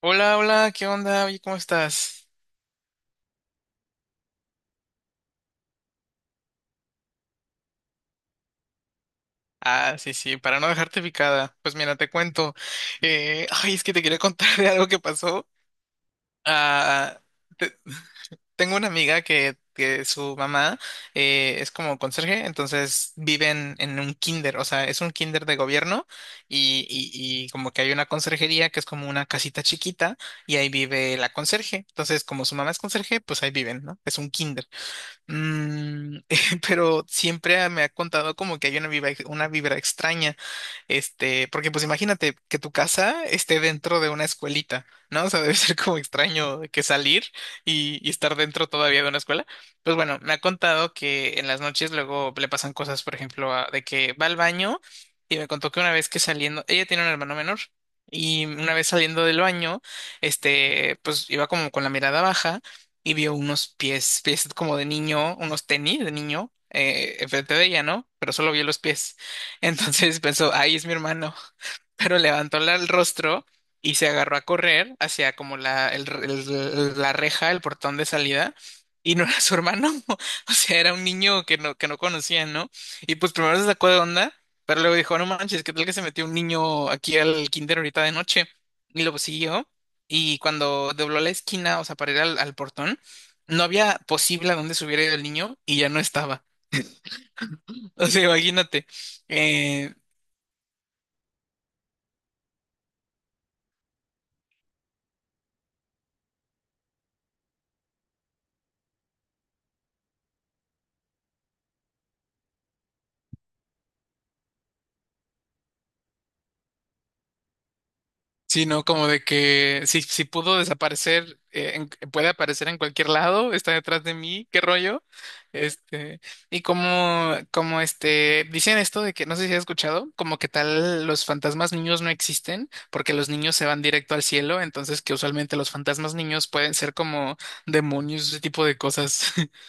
Hola, hola, ¿qué onda? Oye, ¿cómo estás? Ah, sí, sí, para no dejarte picada. Pues mira, te cuento. Ay, es que te quería contar de algo que pasó. Ah, te- tengo una amiga que su mamá es como conserje, entonces viven en un kinder, o sea, es un kinder de gobierno y como que hay una conserjería que es como una casita chiquita y ahí vive la conserje. Entonces, como su mamá es conserje, pues ahí viven, ¿no? Es un kinder. Mm, pero siempre me ha contado como que hay una vibra extraña, porque pues imagínate que tu casa esté dentro de una escuelita, ¿no? O sea, debe ser como extraño que salir y estar dentro todavía de una escuela. Pues bueno, me ha contado que en las noches luego le pasan cosas, por ejemplo, de que va al baño y me contó que una vez que saliendo, ella tiene un hermano menor. Y una vez saliendo del baño, pues iba como con la mirada baja y vio unos pies, pies como de niño, unos tenis de niño, enfrente de ella, ¿no? Pero solo vio los pies. Entonces pensó, ahí es mi hermano. Pero levantó el rostro y se agarró a correr hacia como la, la reja, el portón de salida. Y no era su hermano, o sea, era un niño que no conocía, ¿no? Y pues primero se sacó de onda, pero luego dijo, no manches, ¿qué tal que se metió un niño aquí al kinder ahorita de noche? Y lo siguió y cuando dobló la esquina, o sea, para ir al, al portón, no había posible a dónde se hubiera ido el niño y ya no estaba. O sea, imagínate. Eh, sino como de que si pudo desaparecer, puede aparecer en cualquier lado, está detrás de mí, qué rollo. Este, y como, dicen esto de que, no sé si has escuchado, como que tal los fantasmas niños no existen porque los niños se van directo al cielo, entonces que usualmente los fantasmas niños pueden ser como demonios, ese tipo de cosas.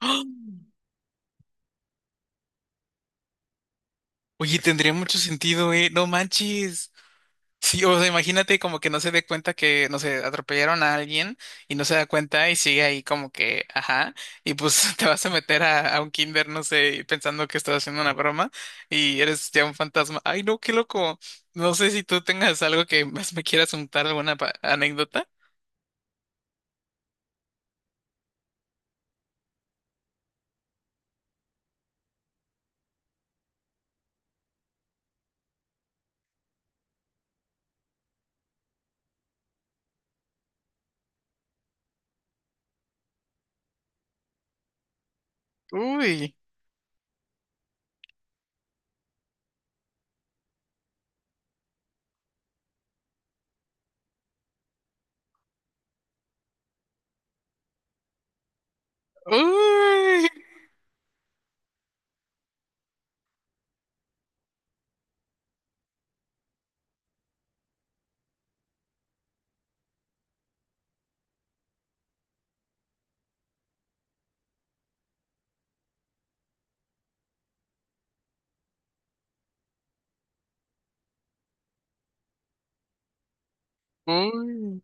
¡Ah! Oye, tendría mucho sentido, ¿eh? No manches. Sí, o sea, imagínate como que no se dé cuenta que, no sé, atropellaron a alguien y no se da cuenta y sigue ahí como que, ajá, y pues te vas a meter a un kinder, no sé, y pensando que estás haciendo una broma y eres ya un fantasma. Ay, no, qué loco. No sé si tú tengas algo que más me quieras contar, alguna anécdota. Uy, uy, uy.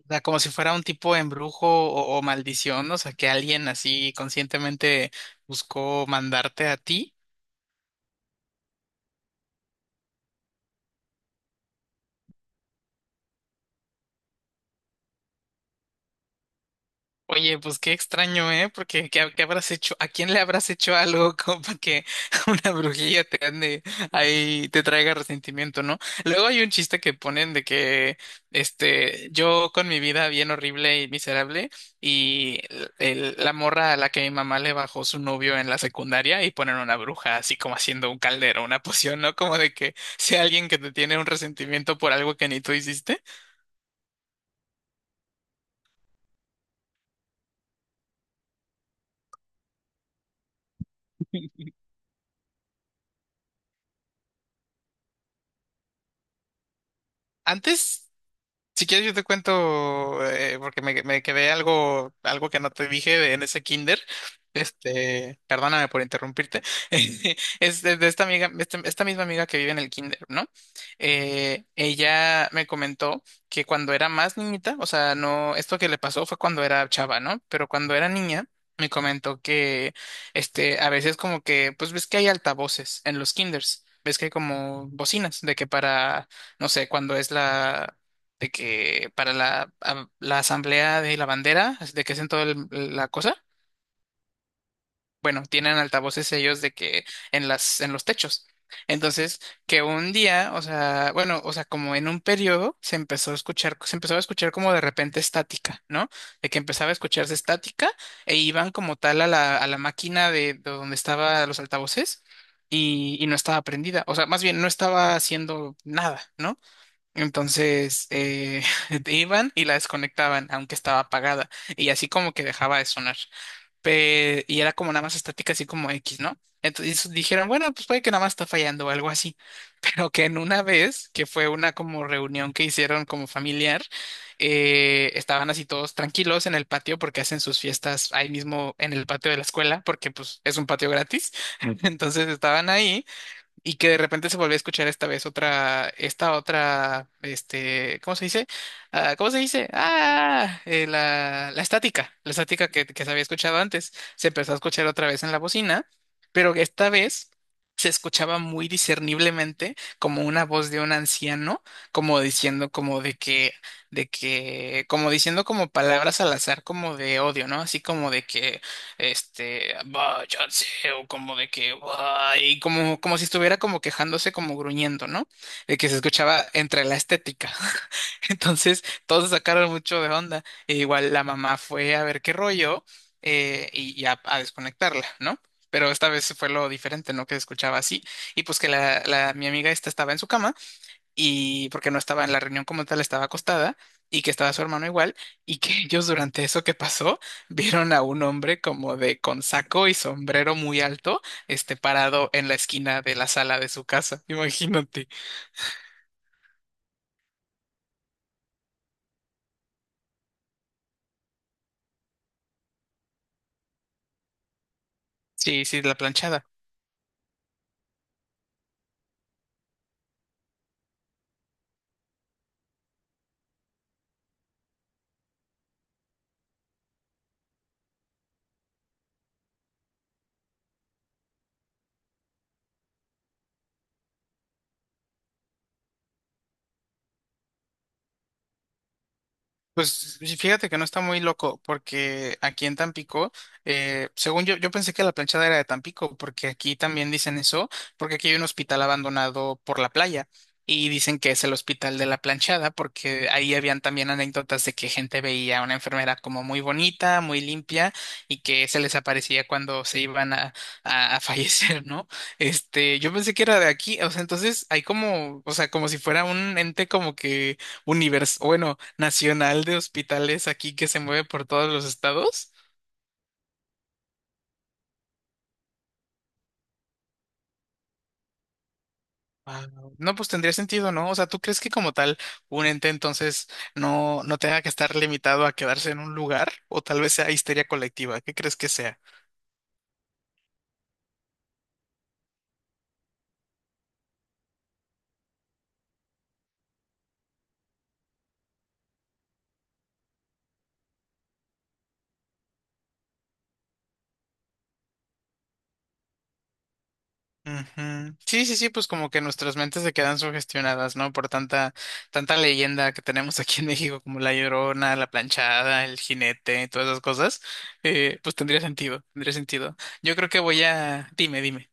O sea, como si fuera un tipo de embrujo o maldición, o sea, que alguien así conscientemente buscó mandarte a ti. Oye, pues qué extraño, ¿eh? Porque ¿qué, qué habrás hecho? ¿A quién le habrás hecho algo como para que una brujilla te ande ahí, te traiga resentimiento, ¿no? Luego hay un chiste que ponen de que, yo con mi vida bien horrible y miserable y la morra a la que mi mamá le bajó su novio en la secundaria y ponen una bruja así como haciendo un caldero, una poción, ¿no? Como de que sea alguien que te tiene un resentimiento por algo que ni tú hiciste. Antes si quieres, yo te cuento, porque me quedé algo, algo que no te dije en ese kinder. Perdóname por interrumpirte. Es de esta amiga, esta misma amiga que vive en el kinder, ¿no? Ella me comentó que cuando era más niñita, o sea, no, esto que le pasó fue cuando era chava, ¿no? Pero cuando era niña, me comentó que, a veces como que, pues ves que hay altavoces en los kinders. Ves que hay como bocinas, de que para, no sé, cuando es la de que para la, la asamblea de la bandera, de que hacen toda la cosa, bueno, tienen altavoces ellos de que en las, en los techos. Entonces, que un día, o sea, bueno, o sea, como en un periodo se empezó a escuchar, se empezó a escuchar como de repente estática, ¿no? De que empezaba a escucharse estática e iban como tal a la máquina de donde estaban los altavoces y no estaba prendida, o sea, más bien no estaba haciendo nada, ¿no? Entonces iban y la desconectaban, aunque estaba apagada, y así como que dejaba de sonar. Y era como nada más estática, así como X, ¿no? Entonces dijeron, bueno, pues puede que nada más está fallando o algo así. Pero que en una vez, que fue una como reunión que hicieron como familiar, estaban así todos tranquilos en el patio porque hacen sus fiestas ahí mismo en el patio de la escuela, porque pues es un patio gratis. Entonces estaban ahí y que de repente se volvió a escuchar esta vez otra, esta otra, ¿cómo se dice? Ah, ¿cómo se dice? La, la estática que se había escuchado antes, se empezó a escuchar otra vez en la bocina, pero esta vez se escuchaba muy discerniblemente como una voz de un anciano, como diciendo como de que, como diciendo como palabras al azar, como de odio, ¿no? Así como de que váyanse, o como de que, "Bah", y como, como si estuviera como quejándose, como gruñendo, ¿no? De que se escuchaba entre la estética. Entonces, todos se sacaron mucho de onda. E igual la mamá fue a ver qué rollo, y, a desconectarla, ¿no? Pero esta vez fue lo diferente, ¿no? Que se escuchaba así. Y pues que la, mi amiga esta estaba en su cama y porque no estaba en la reunión como tal, estaba acostada y que estaba su hermano igual y que ellos durante eso que pasó vieron a un hombre como de con saco y sombrero muy alto, este parado en la esquina de la sala de su casa. Imagínate. Sí, sí, la planchada. Pues y fíjate que no está muy loco, porque aquí en Tampico, según yo, yo pensé que la planchada era de Tampico, porque aquí también dicen eso, porque aquí hay un hospital abandonado por la playa y dicen que es el hospital de la planchada, porque ahí habían también anécdotas de que gente veía a una enfermera como muy bonita, muy limpia y que se les aparecía cuando se iban a fallecer, ¿no? Yo pensé que era de aquí, o sea, entonces hay como, o sea, como si fuera un ente como que universo, bueno, nacional de hospitales aquí que se mueve por todos los estados. Wao. No, pues tendría sentido, ¿no? O sea, ¿tú crees que como tal un ente entonces no tenga que estar limitado a quedarse en un lugar? O tal vez sea histeria colectiva. ¿Qué crees que sea? Ujú. Sí, sí, sí, pues como que nuestras mentes se quedan sugestionadas, ¿no? Por tanta, tanta leyenda que tenemos aquí en México, como la Llorona, la Planchada, el Jinete, todas esas cosas, pues tendría sentido, tendría sentido. Yo creo que voy a... Dime, dime.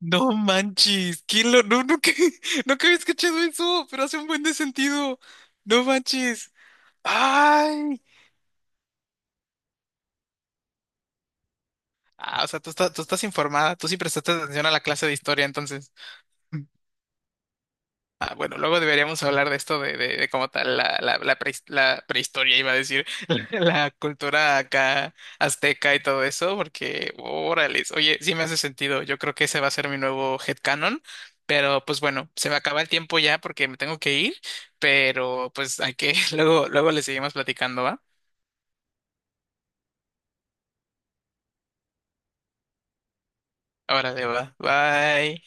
No manches, ¿quién lo... No, no, que, no que había escuchado eso, pero hace un buen de sentido. No manches. Ay. Ah, o sea, tú estás informada, tú sí prestaste atención a la clase de historia, entonces. Ah, bueno, luego deberíamos hablar de esto de cómo tal la, la, la, la prehistoria, iba a decir, la cultura acá azteca y todo eso, porque órales, oye, sí me hace sentido, yo creo que ese va a ser mi nuevo headcanon, pero pues bueno, se me acaba el tiempo ya porque me tengo que ir, pero pues hay que, luego, luego le seguimos platicando, ¿va? Ahora de va, bye.